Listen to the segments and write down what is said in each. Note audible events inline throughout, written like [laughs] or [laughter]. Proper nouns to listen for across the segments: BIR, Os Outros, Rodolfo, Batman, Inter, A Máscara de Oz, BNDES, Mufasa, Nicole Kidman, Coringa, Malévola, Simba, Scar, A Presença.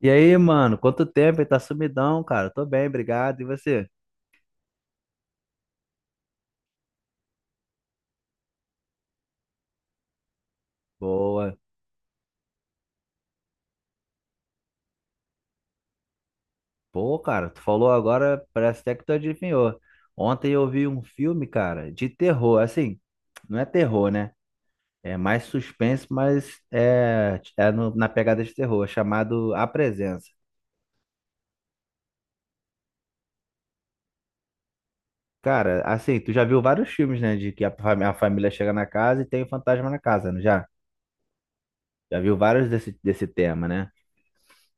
E aí, mano, quanto tempo? Ele tá sumidão, cara. Tô bem, obrigado. E você? Boa. Pô, cara, tu falou agora, parece até que tu adivinhou. Ontem eu vi um filme, cara, de terror. Assim, não é terror, né? É mais suspense, mas na pegada de terror, chamado A Presença. Cara, assim, tu já viu vários filmes, né? De que a família chega na casa e tem o fantasma na casa, não já? Já viu vários desse tema, né?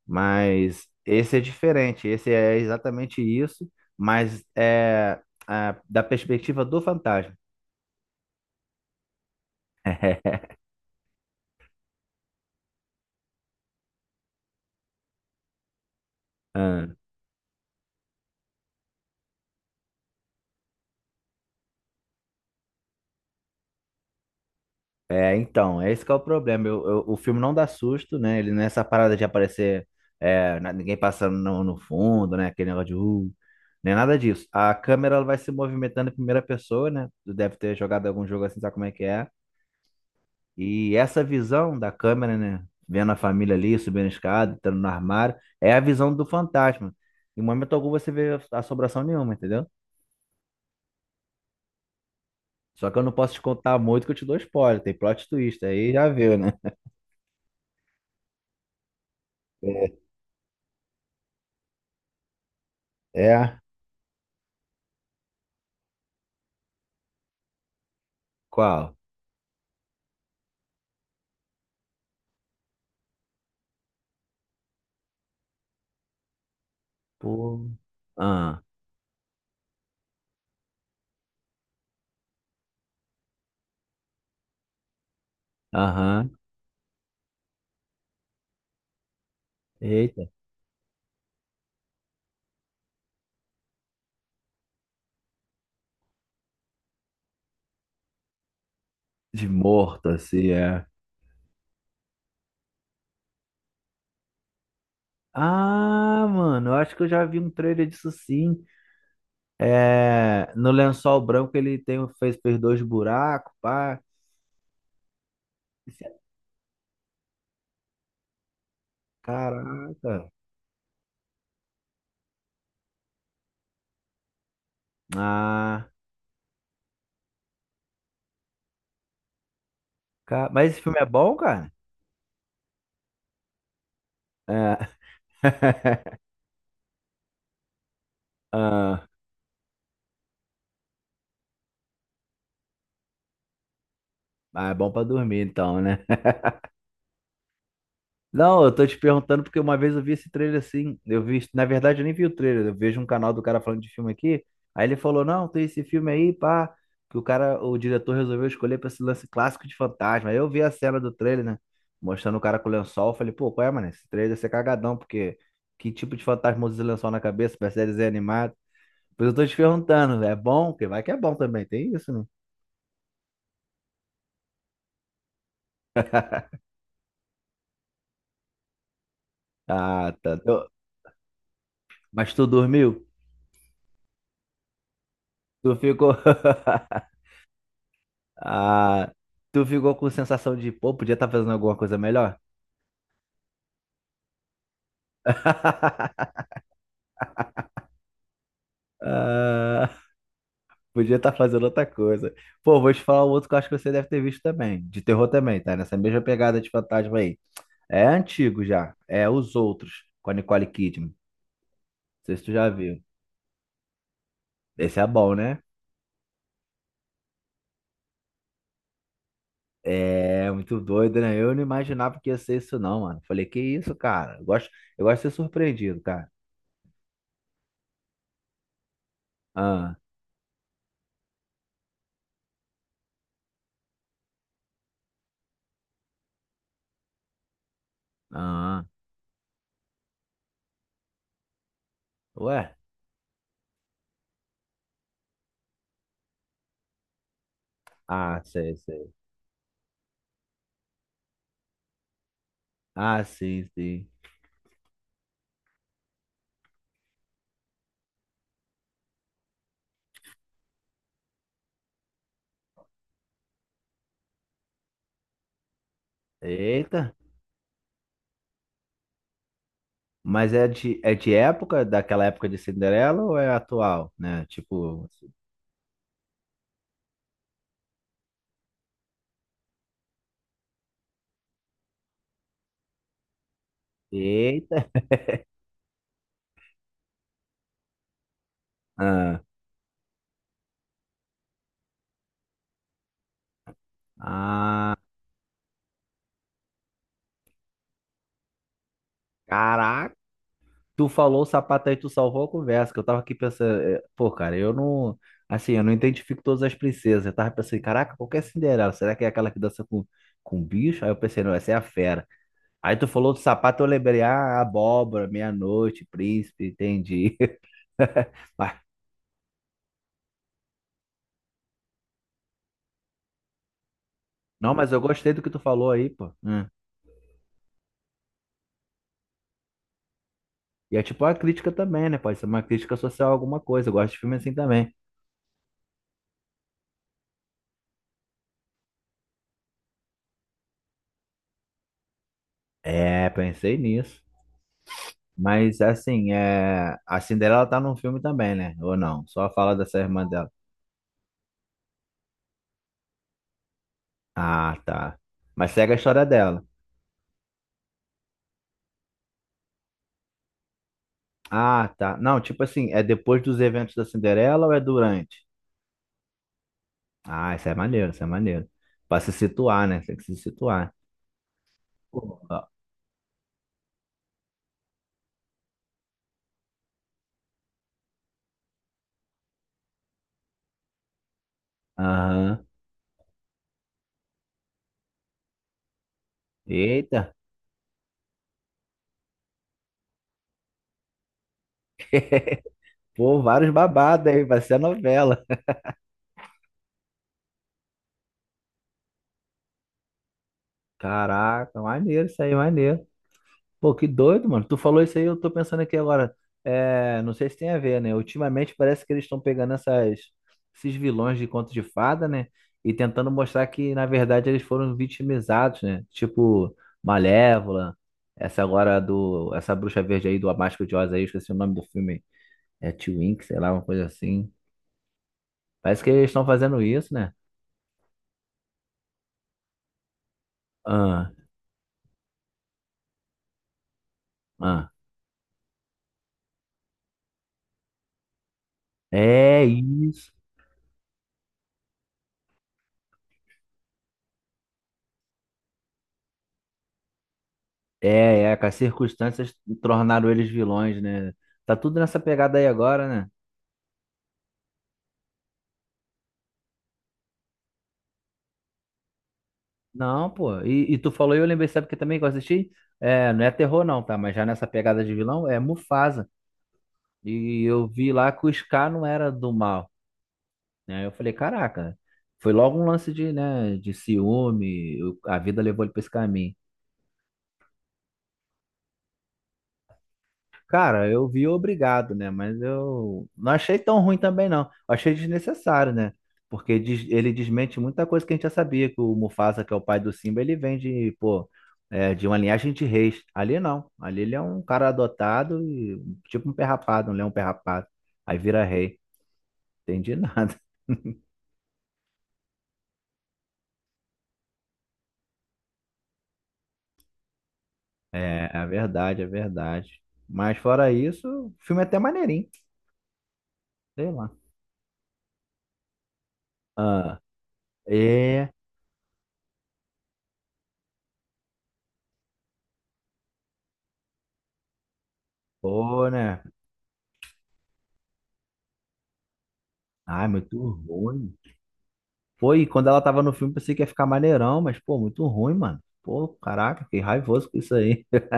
Mas esse é diferente, esse é exatamente isso, mas é da perspectiva do fantasma. [laughs] Ah, é, então, é esse que é o problema. O filme não dá susto, né? Ele nessa parada de aparecer ninguém passando no fundo, né? Aquele negócio de nem nada disso. A câmera ela vai se movimentando em primeira pessoa, né? Tu deve ter jogado algum jogo assim, sabe como é que é? E essa visão da câmera, né? Vendo a família ali, subindo a escada, entrando no armário, é a visão do fantasma. Em momento algum você vê assombração nenhuma, entendeu? Só que eu não posso te contar muito que eu te dou spoiler. Tem plot twist, aí já viu, né? É. É. Qual? Pô. Ah, aham. Eita. De morto, assim, é. Ah, mano, eu acho que eu já vi um trailer disso sim. É, no lençol branco ele fez dois buracos, pá. Isso é- Caraca. Ah, mas esse filme é bom, cara? É. [laughs] Ah, ah, é bom pra dormir então, né? Não, eu tô te perguntando porque uma vez eu vi esse trailer assim. Eu vi, na verdade, eu nem vi o trailer. Eu vejo um canal do cara falando de filme aqui. Aí ele falou: Não, tem esse filme aí, pá. Que o cara, o diretor resolveu escolher pra esse lance clássico de fantasma. Aí eu vi a cena do trailer, né? Mostrando o cara com o lençol. Eu falei: Pô, qual é, mano? Esse trailer deve ser cagadão, porque que tipo de fantasma usa esse lençol na cabeça? Parece desenho animado. Pois eu tô te perguntando, é bom? Porque vai que é bom também, tem isso, né? Ah, tá. Mas tu dormiu? Tu ficou. [laughs] Ah, tu ficou com sensação de, pô, podia estar fazendo alguma coisa melhor? [laughs] Ah, podia estar fazendo outra coisa. Pô, vou te falar um outro que eu acho que você deve ter visto também. De terror também, tá? Nessa mesma pegada de fantasma aí. É antigo já. É Os Outros, com a Nicole Kidman. Não sei se tu já viu. Esse é bom, né? É muito doido, né? Eu não imaginava que ia ser isso, não, mano. Falei, que isso, cara? Eu gosto de ser surpreendido, cara. Ah, ah, ué? Ah, sei, sei. Ah, sim, sim. Eita. Mas é de época, daquela época de Cinderela ou é atual, né? Tipo, eita. Ah, ah, caraca! Tu falou o sapato aí, tu salvou a conversa, que eu tava aqui pensando, é, pô, cara, eu não, assim, eu não identifico todas as princesas, eu tava pensando, caraca, qual que é a Cinderela? Será que é aquela que dança com bicho? Aí eu pensei, não, essa é a fera. Aí tu falou do sapato, eu lembrei, ah, abóbora, meia-noite, príncipe, entendi. [laughs] Mas- Não, mas eu gostei do que tu falou aí, pô. Hum. E é tipo uma crítica também, né? Pode ser uma crítica social a alguma coisa, eu gosto de filme assim também. É, pensei nisso. Mas assim, é a Cinderela tá num filme também, né? Ou não? Só fala dessa irmã dela. Ah, tá. Mas segue a história dela. Ah, tá. Não, tipo assim, é depois dos eventos da Cinderela ou é durante? Ah, isso é maneiro, isso é maneiro. Pra se situar, né? Tem que se situar. Pô, ó. Aham. Eita, pô, vários babados aí, vai ser a novela. Caraca, maneiro isso aí, maneiro. Pô, que doido, mano. Tu falou isso aí, eu tô pensando aqui agora. É, não sei se tem a ver, né? Ultimamente parece que eles estão pegando esses vilões de conto de fada, né? E tentando mostrar que, na verdade, eles foram vitimizados, né? Tipo, Malévola, essa agora do. Essa bruxa verde aí do A Máscara de Oz aí, eu esqueci o nome do filme aí. É Twink, sei lá, uma coisa assim. Parece que eles estão fazendo isso, né? Ah, ah. É isso. É, é, que as circunstâncias tornaram eles vilões, né? Tá tudo nessa pegada aí agora, né? Não, pô. E tu falou, e eu lembrei, sabe que também que eu assisti? É, não é terror não, tá? Mas já nessa pegada de vilão, é Mufasa. E eu vi lá que o Scar não era do mal, né? Eu falei, caraca, foi logo um lance de, né, de ciúme, a vida levou ele pra esse caminho. Cara, eu vi obrigado, né? Mas eu não achei tão ruim também, não. Eu achei desnecessário, né? Porque ele desmente muita coisa que a gente já sabia, que o Mufasa, que é o pai do Simba, ele vem de, pô, é, de uma linhagem de reis. Ali não. Ali ele é um cara adotado e tipo um perrapado, um leão perrapado. Aí vira rei. Entendi nada. [laughs] É, é verdade, é verdade. Mas fora isso, o filme é até maneirinho. Sei lá. Ah, é. Pô, né? Ai muito ruim. Foi, e quando ela tava no filme, pensei que ia ficar maneirão, mas, pô, muito ruim, mano. Pô, caraca, fiquei raivoso com isso aí. [laughs]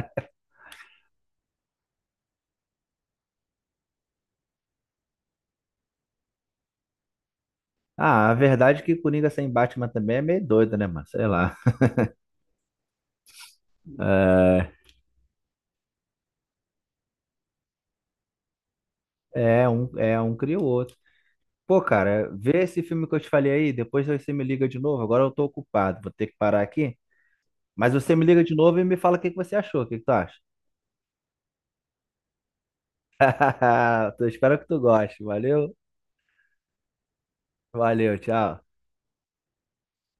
Ah, a verdade é que Coringa sem Batman também é meio doido, né, mano? Sei lá. É, é um cria o outro. Pô, cara, vê esse filme que eu te falei aí, depois você me liga de novo. Agora eu tô ocupado, vou ter que parar aqui. Mas você me liga de novo e me fala o que que você achou, o que que tu acha? [laughs] Eu espero que tu goste. Valeu, valeu, tchau.